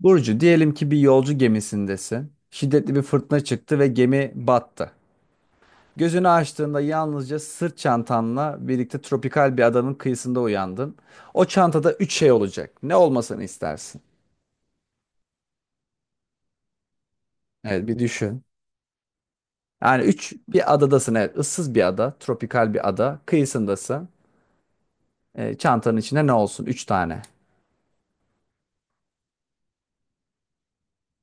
Burcu, diyelim ki bir yolcu gemisindesin. Şiddetli bir fırtına çıktı ve gemi battı. Gözünü açtığında yalnızca sırt çantanla birlikte tropikal bir adanın kıyısında uyandın. O çantada üç şey olacak. Ne olmasını istersin? Evet, bir düşün. Yani üç bir adadasın. Evet, ıssız bir ada, tropikal bir ada. Kıyısındasın. Çantanın içinde ne olsun? Üç tane.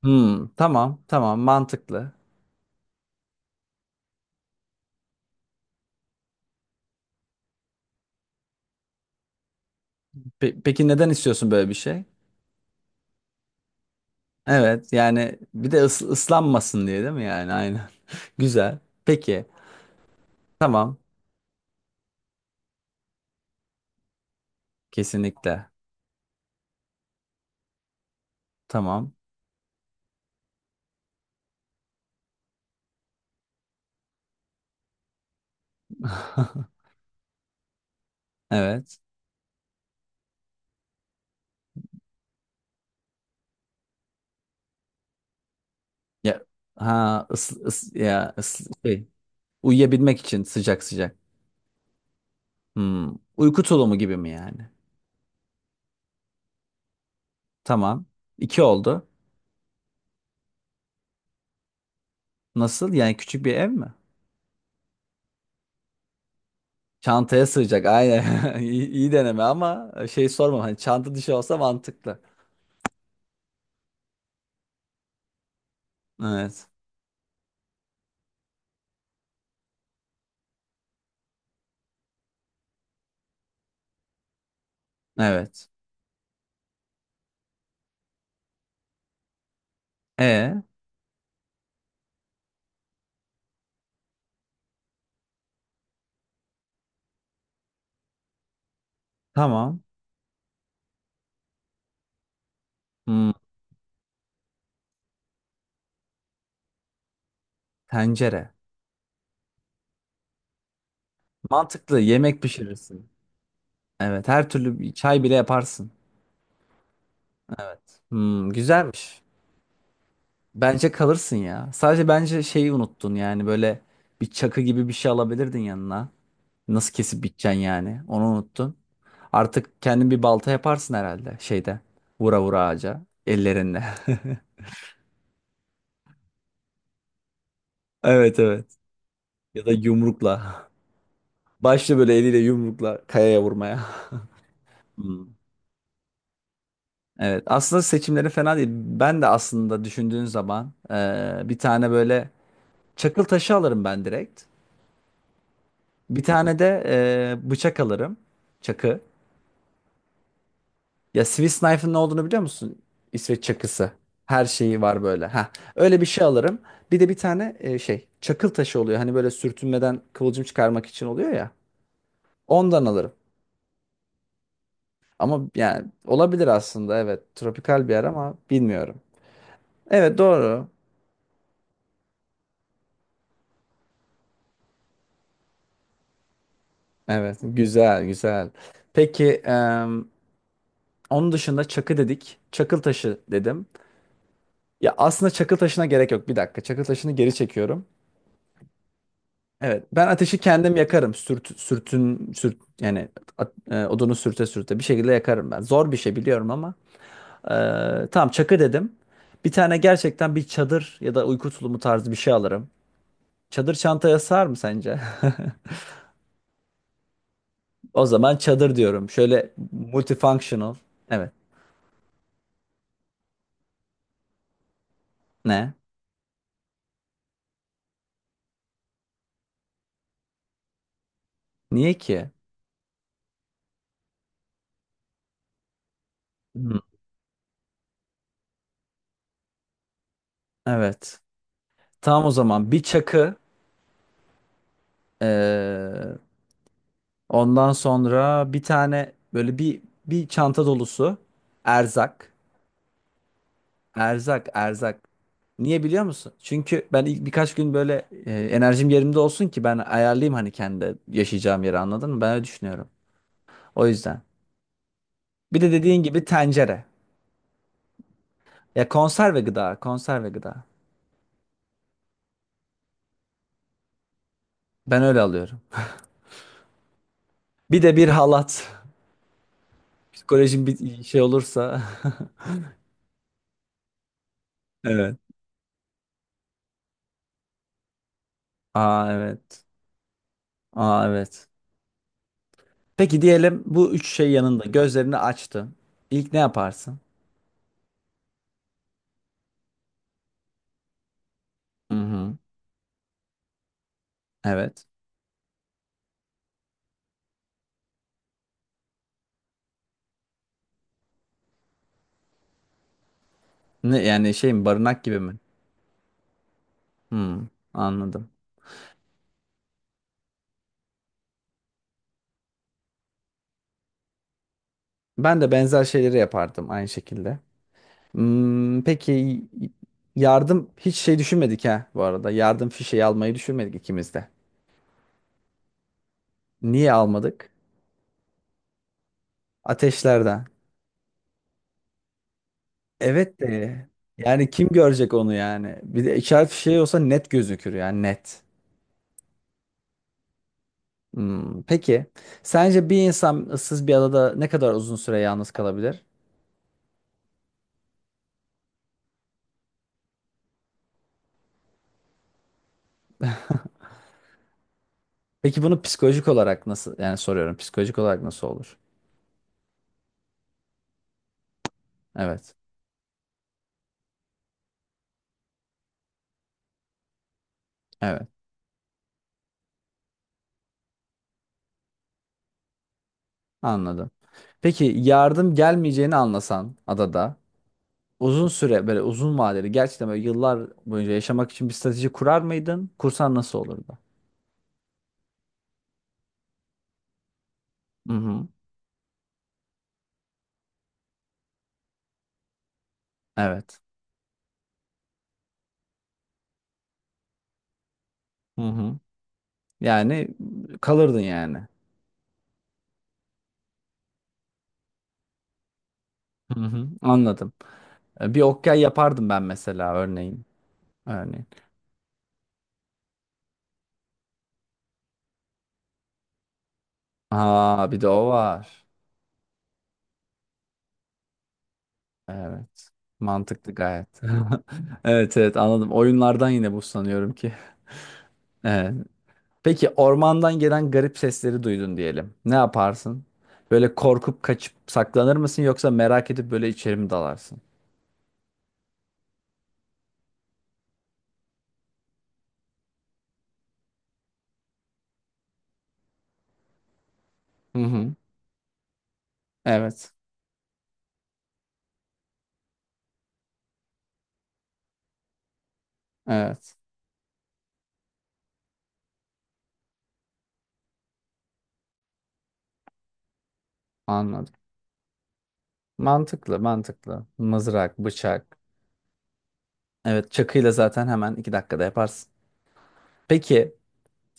Hmm, tamam, tamam, mantıklı. Peki neden istiyorsun böyle bir şey? Evet yani bir de ıslanmasın diye değil mi yani aynen. Güzel. Peki. Tamam. Kesinlikle. Tamam. Evet. Ya ha ıs, ıs- ya ıs- şey, Uyuyabilmek için sıcak sıcak. Hmm. Uyku tulumu gibi mi yani? Tamam. İki oldu. Nasıl? Yani küçük bir ev mi? Çantaya sığacak. Aynen. İyi, iyi deneme ama şey sormam. Hani çanta dışı olsa mantıklı. Evet. Evet. E tamam. Hmm. Tencere. Mantıklı. Yemek pişirirsin. Evet, her türlü bir çay bile yaparsın. Evet. Hmm, güzelmiş. Bence kalırsın ya. Sadece bence şeyi unuttun yani böyle bir çakı gibi bir şey alabilirdin yanına. Nasıl kesip biteceksin yani? Onu unuttun. Artık kendin bir balta yaparsın herhalde şeyde. Vura vura ağaca ellerinle. Evet evet. Ya da yumrukla. Başla böyle eliyle yumrukla kayaya vurmaya. Hmm. Evet, aslında seçimleri fena değil. Ben de aslında düşündüğün zaman bir tane böyle çakıl taşı alırım ben direkt. Bir tane de bıçak alırım. Çakı. Ya Swiss Knife'ın ne olduğunu biliyor musun? İsveç çakısı. Her şeyi var böyle. Ha, öyle bir şey alırım. Bir de bir tane şey çakıl taşı oluyor. Hani böyle sürtünmeden kıvılcım çıkarmak için oluyor ya. Ondan alırım. Ama yani olabilir aslında evet. Tropikal bir yer ama bilmiyorum. Evet doğru. Evet, güzel güzel. Peki onun dışında çakı dedik. Çakıl taşı dedim. Ya aslında çakıl taşına gerek yok. Bir dakika. Çakıl taşını geri çekiyorum. Evet, ben ateşi kendim yakarım. Yani odunu sürte sürte bir şekilde yakarım ben. Zor bir şey biliyorum ama. Tamam çakı dedim. Bir tane gerçekten bir çadır ya da uyku tulumu tarzı bir şey alırım. Çadır çantaya sığar mı sence? O zaman çadır diyorum. Şöyle multifunctional. Evet. Ne? Niye ki? Hmm. Evet. Tamam o zaman bir çakı eee, ondan sonra bir tane böyle bir çanta dolusu erzak. Erzak. Niye biliyor musun? Çünkü ben ilk birkaç gün böyle enerjim yerimde olsun ki ben ayarlayayım hani kendi yaşayacağım yeri anladın mı? Ben öyle düşünüyorum. O yüzden. Bir de dediğin gibi tencere. Ya konserve gıda, konserve gıda. Ben öyle alıyorum. Bir de bir halat. Psikolojim bir şey olursa. Evet. Aa evet. Aa evet. Peki diyelim bu üç şey yanında gözlerini açtın. İlk ne yaparsın? Hı hı. Evet. Ne yani şey mi barınak gibi mi? Hı, anladım. Ben de benzer şeyleri yapardım aynı şekilde. Hmm, peki yardım hiç şey düşünmedik ha bu arada. Yardım fişeği almayı düşünmedik ikimiz de. Niye almadık? Ateşlerden. Evet de yani kim görecek onu yani? Bir de işaret fişeği olsa net gözükür yani net. Hmm, peki sence bir insan ıssız bir adada ne kadar uzun süre yalnız kalabilir? Peki bunu psikolojik olarak nasıl yani soruyorum psikolojik olarak nasıl olur? Evet. Evet. Anladım. Peki yardım gelmeyeceğini anlasan adada uzun süre böyle uzun vadeli gerçekten böyle yıllar boyunca yaşamak için bir strateji kurar mıydın? Kursan nasıl olurdu? Hı hı. Evet. Hı hı. Yani kalırdın yani. Hı hı. Anladım. Bir okey yapardım ben mesela örneğin. Örneğin. Ha bir de o var. Evet. Mantıklı gayet. Evet evet anladım. Oyunlardan yine bu sanıyorum ki. Evet. Peki ormandan gelen garip sesleri duydun diyelim. Ne yaparsın? Böyle korkup kaçıp saklanır mısın yoksa merak edip böyle içeri mi dalarsın? Hı hı. Evet. Evet. Anladım. Mantıklı, mantıklı. Mızrak, bıçak. Evet, çakıyla zaten hemen 2 dakikada yaparsın. Peki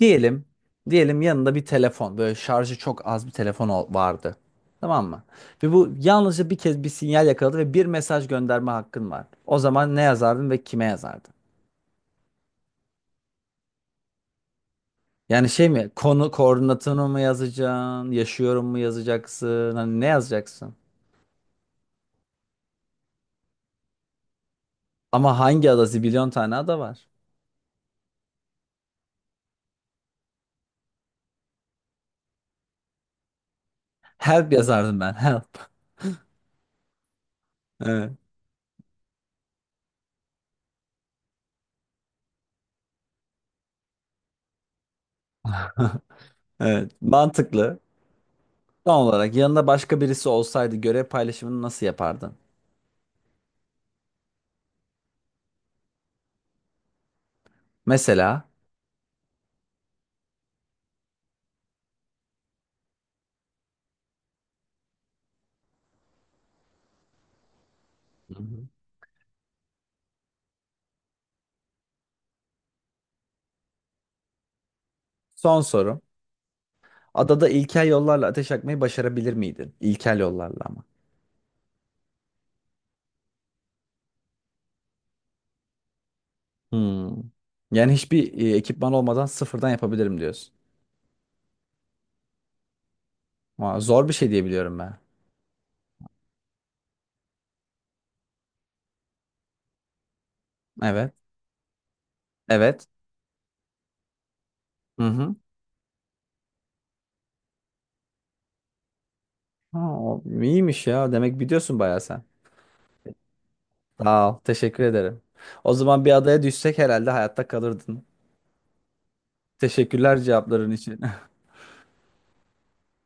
Diyelim, diyelim yanında bir telefon, böyle şarjı çok az bir telefon vardı. Tamam mı? Ve bu yalnızca bir kez bir sinyal yakaladı ve bir mesaj gönderme hakkın var. O zaman ne yazardın ve kime yazardın? Yani şey mi? Konu koordinatını mı yazacaksın? Yaşıyorum mu yazacaksın? Hani ne yazacaksın? Ama hangi ada? Zibilyon tane ada var. Help yazardım ben. Help. Evet, evet. Mantıklı. Son olarak yanında başka birisi olsaydı görev paylaşımını nasıl yapardın? Mesela Hı hı. son sorum. Adada ilkel yollarla ateş yakmayı başarabilir miydin? İlkel yollarla ama. Hmm. Yani hiçbir ekipman olmadan sıfırdan yapabilirim diyorsun. Aa, zor bir şey diye biliyorum ben. Evet. Evet. Hı hı. Ha, o iyiymiş ya. Demek biliyorsun bayağı sen. Sağ ol. Teşekkür ederim. O zaman bir adaya düşsek herhalde hayatta kalırdın. Teşekkürler cevapların için.